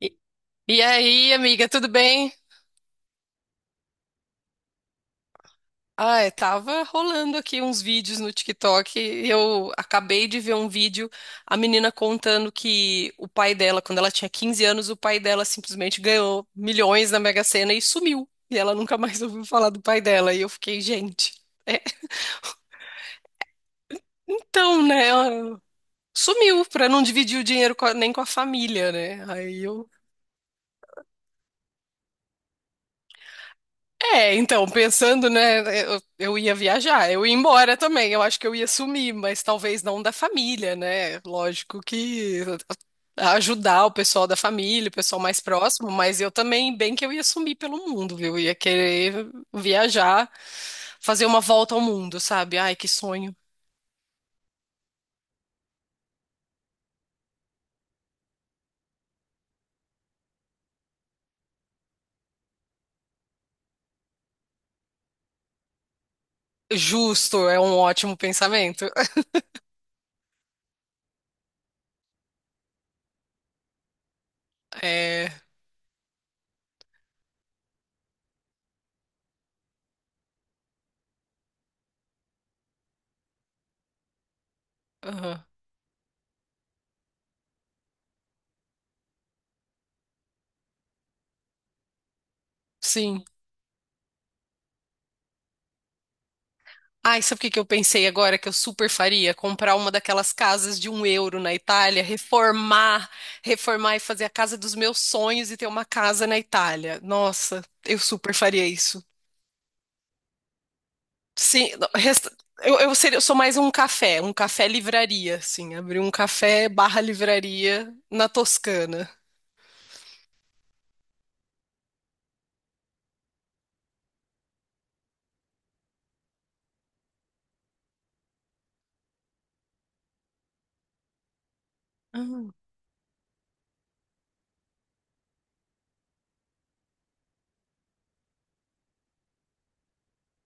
E, e aí, amiga, tudo bem? Ah, eu tava rolando aqui uns vídeos no TikTok. Eu acabei de ver um vídeo, a menina contando que o pai dela, quando ela tinha 15 anos, o pai dela simplesmente ganhou milhões na Mega Sena e sumiu. E ela nunca mais ouviu falar do pai dela. E eu fiquei, gente, é, então, né? ela sumiu pra não dividir o dinheiro com nem com a família, né? Aí eu É, então, pensando, né, eu ia viajar, eu ia embora também, eu acho que eu ia sumir, mas talvez não da família, né? Lógico que ajudar o pessoal da família, o pessoal mais próximo, mas eu também, bem que eu ia sumir pelo mundo, viu? Eu ia querer viajar, fazer uma volta ao mundo, sabe? Ai, que sonho. Justo, é um ótimo pensamento. É, aham, sim. Ai, sabe o que que eu pensei agora que eu super faria? Comprar uma daquelas casas de €1 na Itália, reformar, reformar e fazer a casa dos meus sonhos e ter uma casa na Itália. Nossa, eu super faria isso. Sim, não, eu, eu sou mais um café livraria, assim, abrir um café barra livraria na Toscana.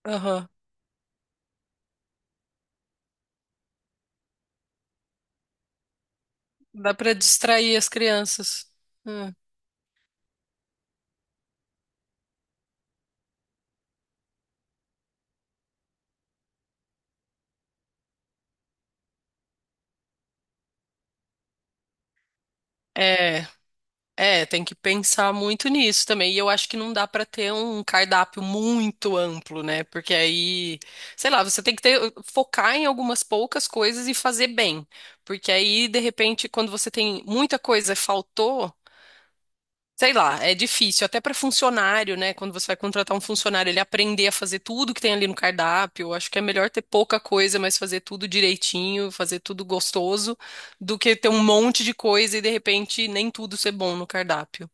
Aham, dá pra distrair as crianças. Hum. É. É, tem que pensar muito nisso também. E eu acho que não dá pra ter um cardápio muito amplo, né? Porque aí, sei lá, você tem que ter, focar em algumas poucas coisas e fazer bem. Porque aí, de repente, quando você tem muita coisa, e faltou, sei lá, é difícil. Até pra funcionário, né? Quando você vai contratar um funcionário, ele aprender a fazer tudo que tem ali no cardápio. Eu acho que é melhor ter pouca coisa, mas fazer tudo direitinho, fazer tudo gostoso, do que ter um monte de coisa e, de repente, nem tudo ser bom no cardápio.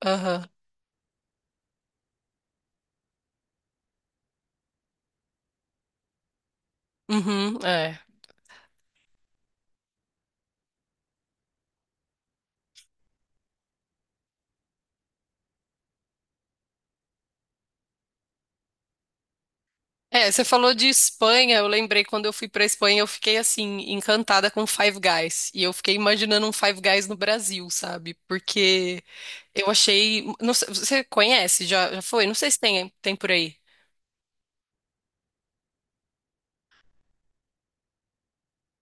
Aham. Uhum, é. É, você falou de Espanha, eu lembrei quando eu fui pra Espanha, eu fiquei assim, encantada com Five Guys. E eu fiquei imaginando um Five Guys no Brasil, sabe? Porque eu achei. Não sei- você conhece? Já, já foi? Não sei se tem, por aí.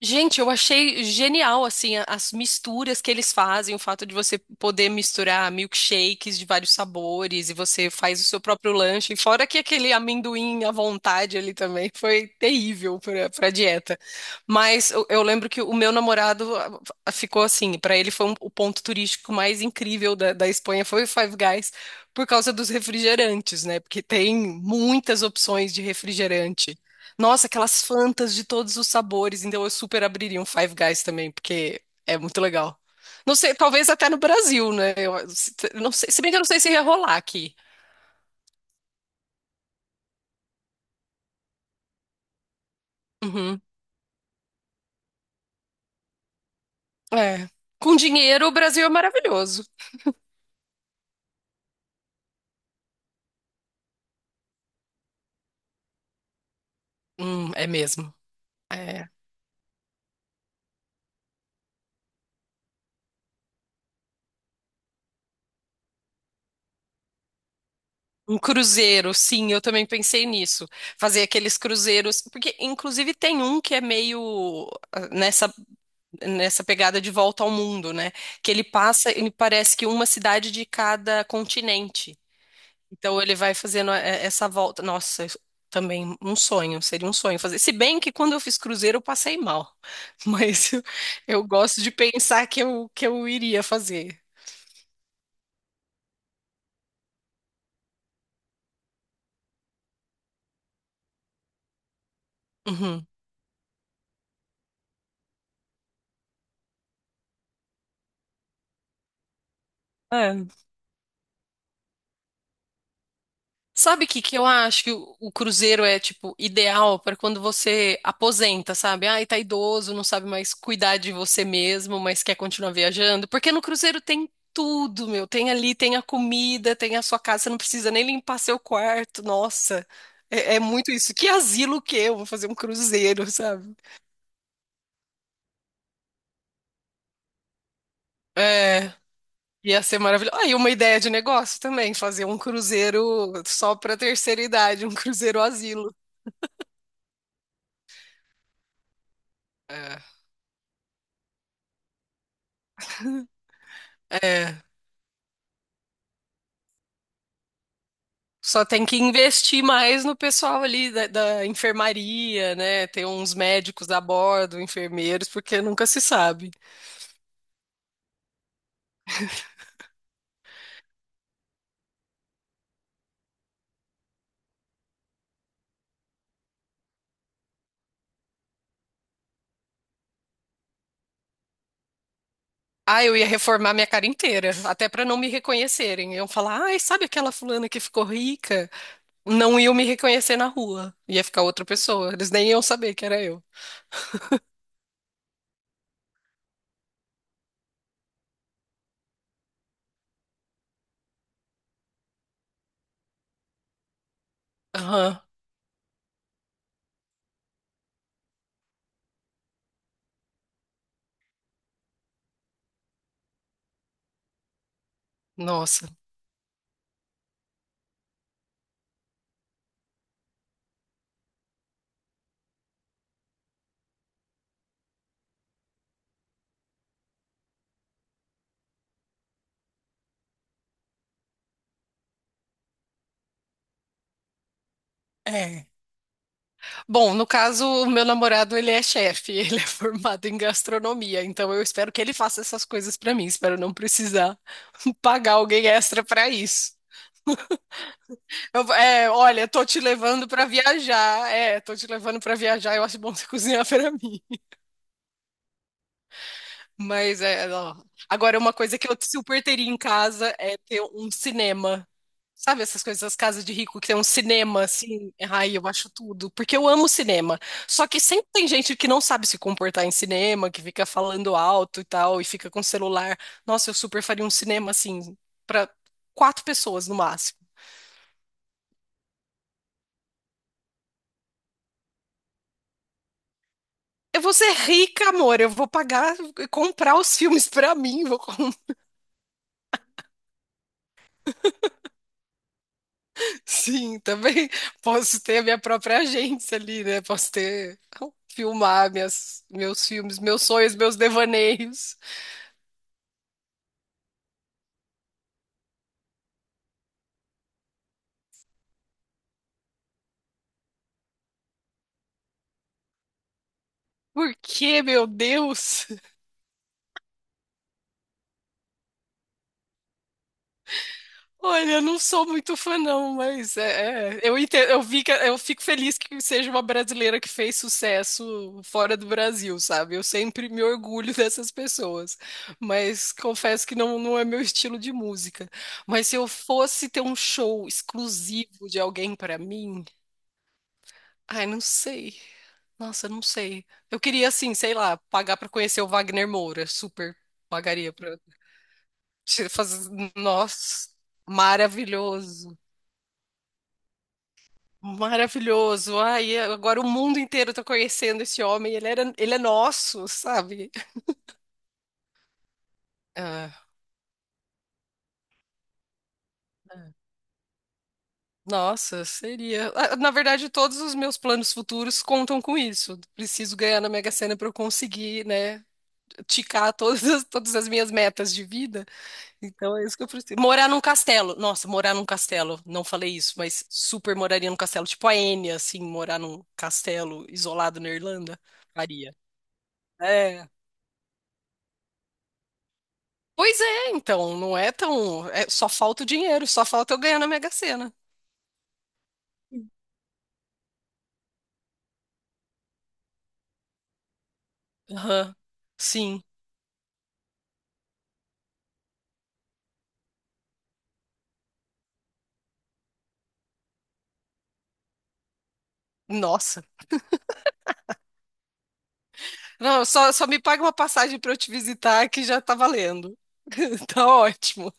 Gente, eu achei genial, assim, as misturas que eles fazem, o fato de você poder misturar milkshakes de vários sabores e você faz o seu próprio lanche, fora que aquele amendoim à vontade ali também foi terrível pra, pra dieta. Mas eu, eu lembro que o meu namorado ficou assim, pra ele foi o ponto turístico mais incrível da, da Espanha foi o Five Guys, por causa dos refrigerantes, né? Porque tem muitas opções de refrigerante. Nossa, aquelas Fantas de todos os sabores. Então eu super abriria um Five Guys também, porque é muito legal. Não sei, talvez até no Brasil, né? Eu, não sei, se bem que eu não sei se ia rolar aqui. Uhum. É. Com dinheiro, o Brasil é maravilhoso. É mesmo. É. Um cruzeiro, sim, eu também pensei nisso. Fazer aqueles cruzeiros, porque inclusive tem um que é meio nessa pegada de volta ao mundo, né? Que ele passa, ele parece que uma cidade de cada continente. Então ele vai fazendo essa volta. Nossa, isso também um sonho, seria um sonho fazer. Se bem que quando eu fiz cruzeiro eu passei mal, mas eu, eu gosto de pensar que eu iria fazer. Uhum. É, sabe o que que eu acho que o cruzeiro é, tipo, ideal para quando você aposenta, sabe? Ai, tá idoso, não sabe mais cuidar de você mesmo, mas quer continuar viajando. Porque no cruzeiro tem tudo, meu. Tem ali, tem a comida, tem a sua casa, você não precisa nem limpar seu quarto. Nossa, é, é muito isso. Que asilo que eu vou fazer um cruzeiro, sabe? É, ia ser maravilhoso. Aí, uma ideia de negócio também, fazer um cruzeiro só para terceira idade, um cruzeiro asilo. É. É. Só tem que investir mais no pessoal ali da, da enfermaria, né? Ter uns médicos a bordo, enfermeiros, porque nunca se sabe. Ah, eu ia reformar minha cara inteira, até para não me reconhecerem. Iam falar, ai, sabe aquela fulana que ficou rica? Não iam me reconhecer na rua. Ia ficar outra pessoa. Eles nem iam saber que era eu. Aham, nossa. É. Bom, no caso, o meu namorado, ele é chefe, ele é formado em gastronomia, então eu espero que ele faça essas coisas pra mim, espero não precisar pagar alguém extra pra isso. É, olha, tô te levando pra viajar, é, tô te levando pra viajar, eu acho bom você cozinhar pra mim. Mas é. Ó. Agora, uma coisa que eu super teria em casa é ter um cinema. Sabe essas coisas, as casas de rico que tem um cinema, assim, ai, eu acho tudo, porque eu amo cinema. Só que sempre tem gente que não sabe se comportar em cinema, que fica falando alto e tal, e fica com celular. Nossa, eu super faria um cinema, assim, pra quatro pessoas no máximo. Eu vou ser rica, amor, eu vou pagar, e comprar os filmes pra mim, vou Sim, também posso ter a minha própria agência ali, né? Posso ter, ah, filmar minhas, meus filmes, meus sonhos, meus devaneios. Por que, meu Deus? Olha, eu não sou muito fã, não, mas eu entendo, eu vi eu fico feliz que seja uma brasileira que fez sucesso fora do Brasil, sabe? Eu sempre me orgulho dessas pessoas, mas confesso que não, não é meu estilo de música. Mas se eu fosse ter um show exclusivo de alguém pra mim, ai, não sei. Nossa, não sei. Eu queria, assim, sei lá, pagar pra conhecer o Wagner Moura. Super pagaria pra te fazer. Nossa, maravilhoso. Maravilhoso. Ai, agora o mundo inteiro tá conhecendo esse homem. Ele é nosso, sabe? Ah, nossa, seria. Ah, na verdade, todos os meus planos futuros contam com isso. Preciso ganhar na Mega Sena pra eu conseguir, né, ticar todas as minhas metas de vida. Então é isso que eu preciso. Morar num castelo. Nossa, morar num castelo. Não falei isso, mas super moraria num castelo. Tipo a Enya, assim, morar num castelo isolado na Irlanda. Faria. É. Pois é, então. Não é tão. Só falta o dinheiro, só falta eu ganhar na Mega Sena. Aham. Sim. Nossa. Não, só me paga uma passagem pra eu te visitar que já tá valendo. Tá ótimo.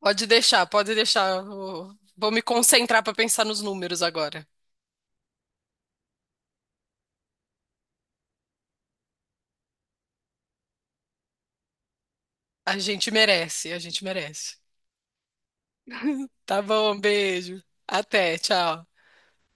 Pode deixar, pode deixar. Eu vou me concentrar pra pensar nos números agora. A gente merece, a gente merece. Tá bom, beijo. Até, tchau.